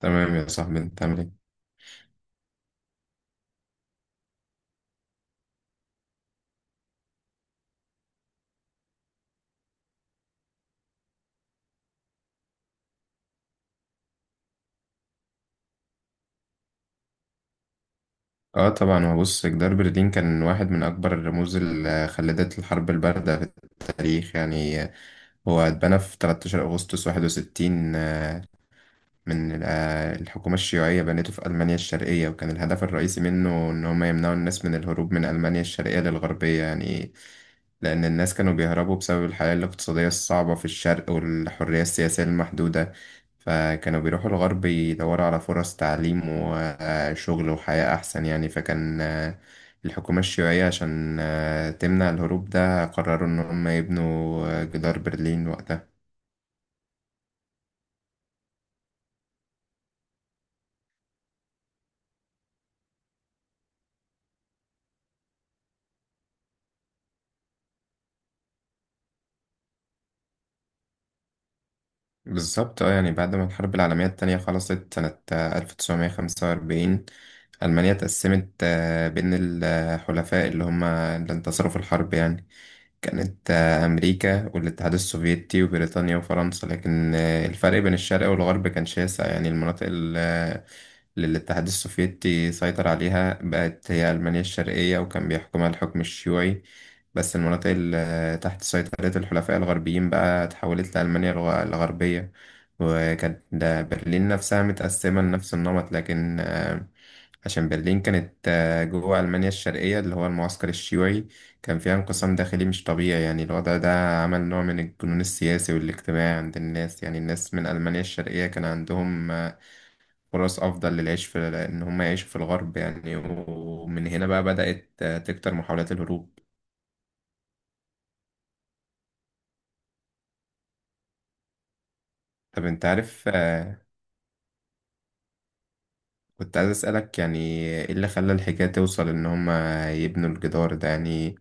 تمام يا صاحبي، انت عامل ايه؟ اه طبعا، هو بص، جدار برلين كان واحد من اكبر الرموز اللي خلدت الحرب البارده في التاريخ يعني. هو اتبنى في 13 اغسطس 61 من الحكومة الشيوعية، بنته في ألمانيا الشرقية، وكان الهدف الرئيسي منه إن هم يمنعوا الناس من الهروب من ألمانيا الشرقية للغربية يعني. لأن الناس كانوا بيهربوا بسبب الحياة الاقتصادية الصعبة في الشرق والحرية السياسية المحدودة، فكانوا بيروحوا الغرب يدوروا على فرص تعليم وشغل وحياة أحسن يعني. فكان الحكومة الشيوعية عشان تمنع الهروب ده، قرروا إن هم يبنوا جدار برلين وقتها. بالظبط اه، يعني بعد ما الحرب العالمية التانية خلصت سنة ألف تسعمية خمسة وأربعين، ألمانيا اتقسمت بين الحلفاء اللي هما اللي انتصروا في الحرب يعني. كانت أمريكا والاتحاد السوفيتي وبريطانيا وفرنسا، لكن الفرق بين الشرق والغرب كان شاسع يعني. المناطق للاتحاد السوفيتي سيطر عليها بقت هي ألمانيا الشرقية وكان بيحكمها الحكم الشيوعي، بس المناطق اللي تحت سيطرة الحلفاء الغربيين بقى اتحولت لألمانيا الغربية. وكانت ده برلين نفسها متقسمة لنفس النمط، لكن عشان برلين كانت جوه ألمانيا الشرقية اللي هو المعسكر الشيوعي، كان فيها انقسام داخلي مش طبيعي يعني. الوضع ده عمل نوع من الجنون السياسي والاجتماعي عند الناس يعني. الناس من ألمانيا الشرقية كان عندهم فرص أفضل للعيش في إن هم يعيشوا في الغرب يعني، ومن هنا بقى بدأت تكتر محاولات الهروب. طب أنت عارف، كنت عايز أسألك يعني إيه اللي خلى الحكاية توصل إن هم يبنوا الجدار ده يعني؟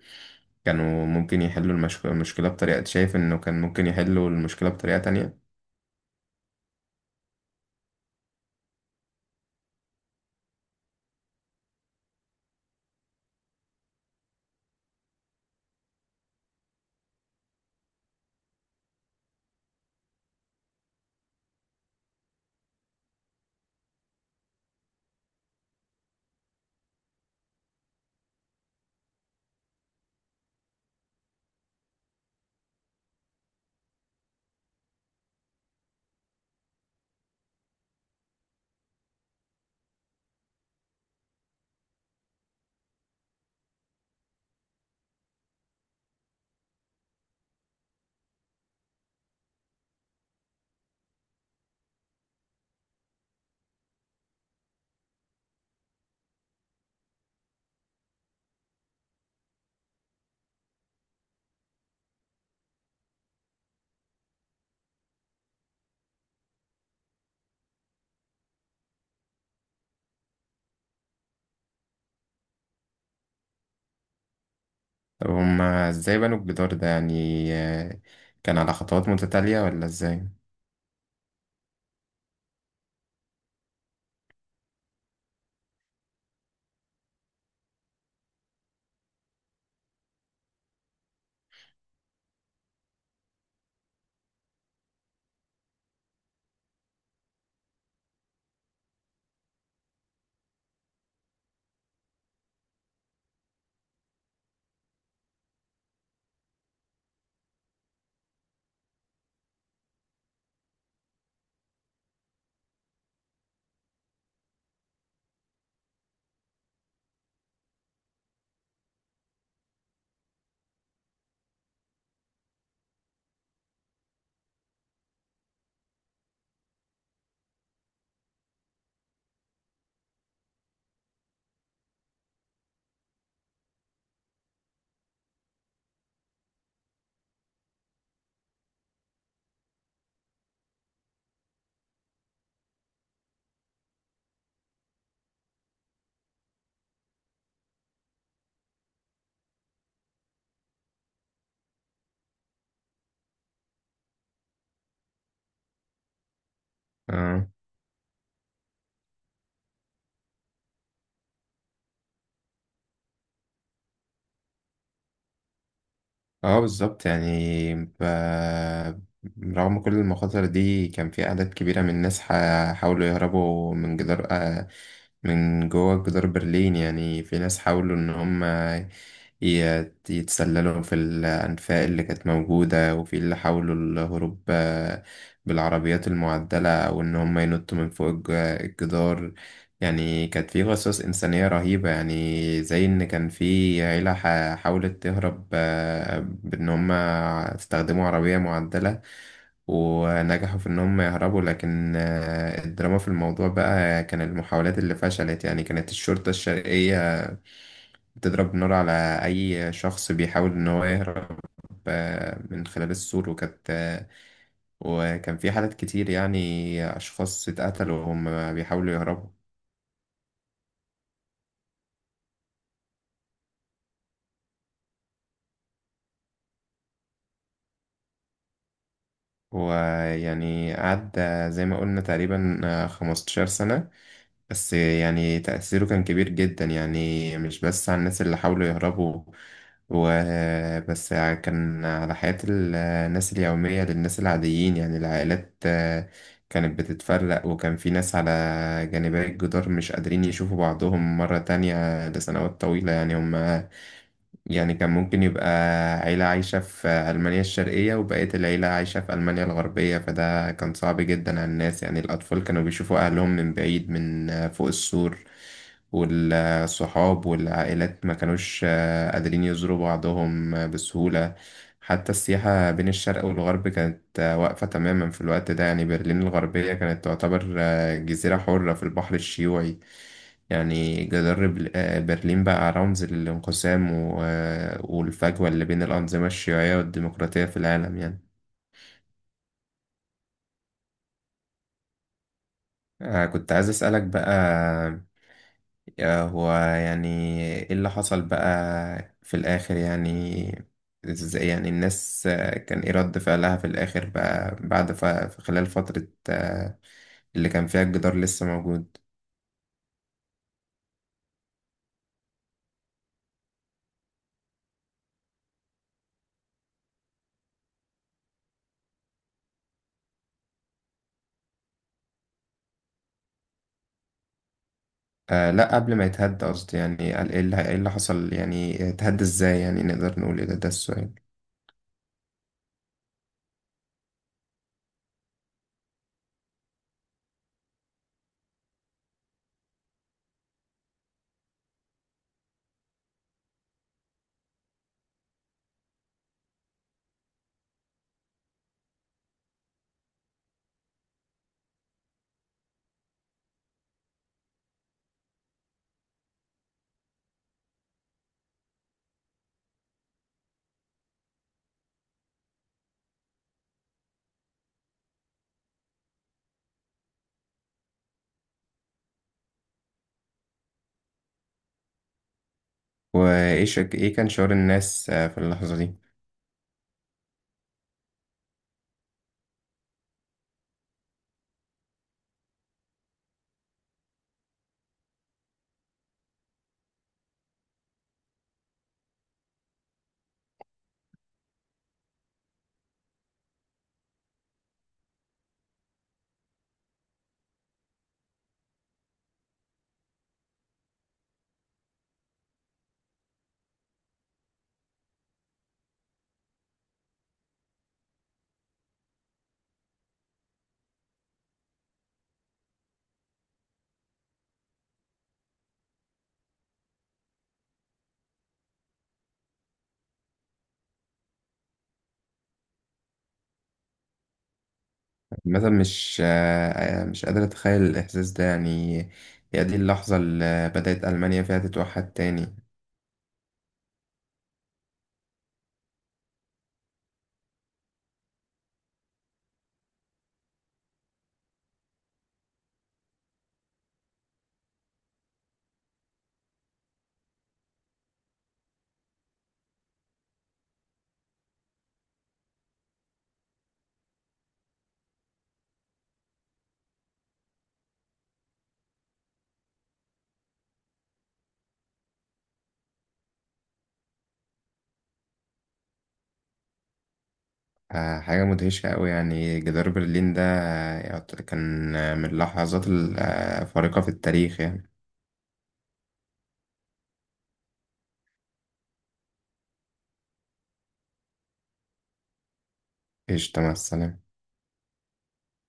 كانوا ممكن يحلوا المشكلة بطريقة، شايف إنه كان ممكن يحلوا المشكلة بطريقة تانية؟ طب هم إزاي بنوا الجدار ده يعني؟ كان على خطوات متتالية ولا إزاي؟ اه بالظبط، يعني رغم كل المخاطر دي كان في أعداد كبيرة من الناس حاولوا يهربوا من جدار، من جوه جدار برلين يعني. في ناس حاولوا إن هم يتسللوا في الأنفاق اللي كانت موجودة، وفي اللي حاولوا الهروب بالعربيات المعدلة، أو إن هم ينطوا من فوق الجدار يعني. كانت في قصص إنسانية رهيبة يعني، زي إن كان في عيلة حاولت تهرب بإن هم استخدموا عربية معدلة ونجحوا في إن هم يهربوا. لكن الدراما في الموضوع بقى كان المحاولات اللي فشلت يعني. كانت الشرطة الشرقية بتضرب نار على أي شخص بيحاول إن هو يهرب من خلال السور، وكان في حالات كتير يعني أشخاص اتقتلوا وهم بيحاولوا يهربوا. ويعني قعد زي ما قلنا تقريبا 15 سنة، بس يعني تأثيره كان كبير جدا يعني. مش بس على الناس اللي حاولوا يهربوا وبس، كان على حياة الناس اليومية للناس العاديين يعني. العائلات كانت بتتفرق، وكان في ناس على جانبي الجدار مش قادرين يشوفوا بعضهم مرة تانية لسنوات طويلة يعني. هم يعني كان ممكن يبقى عيلة عايشة في ألمانيا الشرقية وبقية العيلة عايشة في ألمانيا الغربية، فده كان صعب جدا على الناس يعني. الأطفال كانوا بيشوفوا أهلهم من بعيد من فوق السور، والصحاب والعائلات ما كانوش قادرين يزوروا بعضهم بسهولة. حتى السياحة بين الشرق والغرب كانت واقفة تماما في الوقت ده يعني. برلين الغربية كانت تعتبر جزيرة حرة في البحر الشيوعي يعني. جدار برلين بقى رمز للانقسام والفجوة اللي بين الأنظمة الشيوعية والديمقراطية في العالم يعني. كنت عايز أسألك بقى، هو يعني إيه اللي حصل بقى في الآخر يعني؟ إزاي يعني الناس، كان إيه رد فعلها في الآخر بقى بعد خلال فترة اللي كان فيها الجدار لسه موجود؟ آه لا، قبل ما يتهد قصدي، يعني قال ايه اللي حصل يعني، اتهد ازاي، يعني نقدر نقول ايه، ده السؤال. ايه كان شعور الناس في اللحظة دي؟ مثلا مش آه آه، مش قادر اتخيل الاحساس ده يعني. هي دي اللحظة اللي بدأت ألمانيا فيها تتوحد تاني؟ آه، حاجة مدهشة أوي يعني. جدار برلين ده كان من اللحظات الفارقة في التاريخ يعني. قشطة، مع السلامة.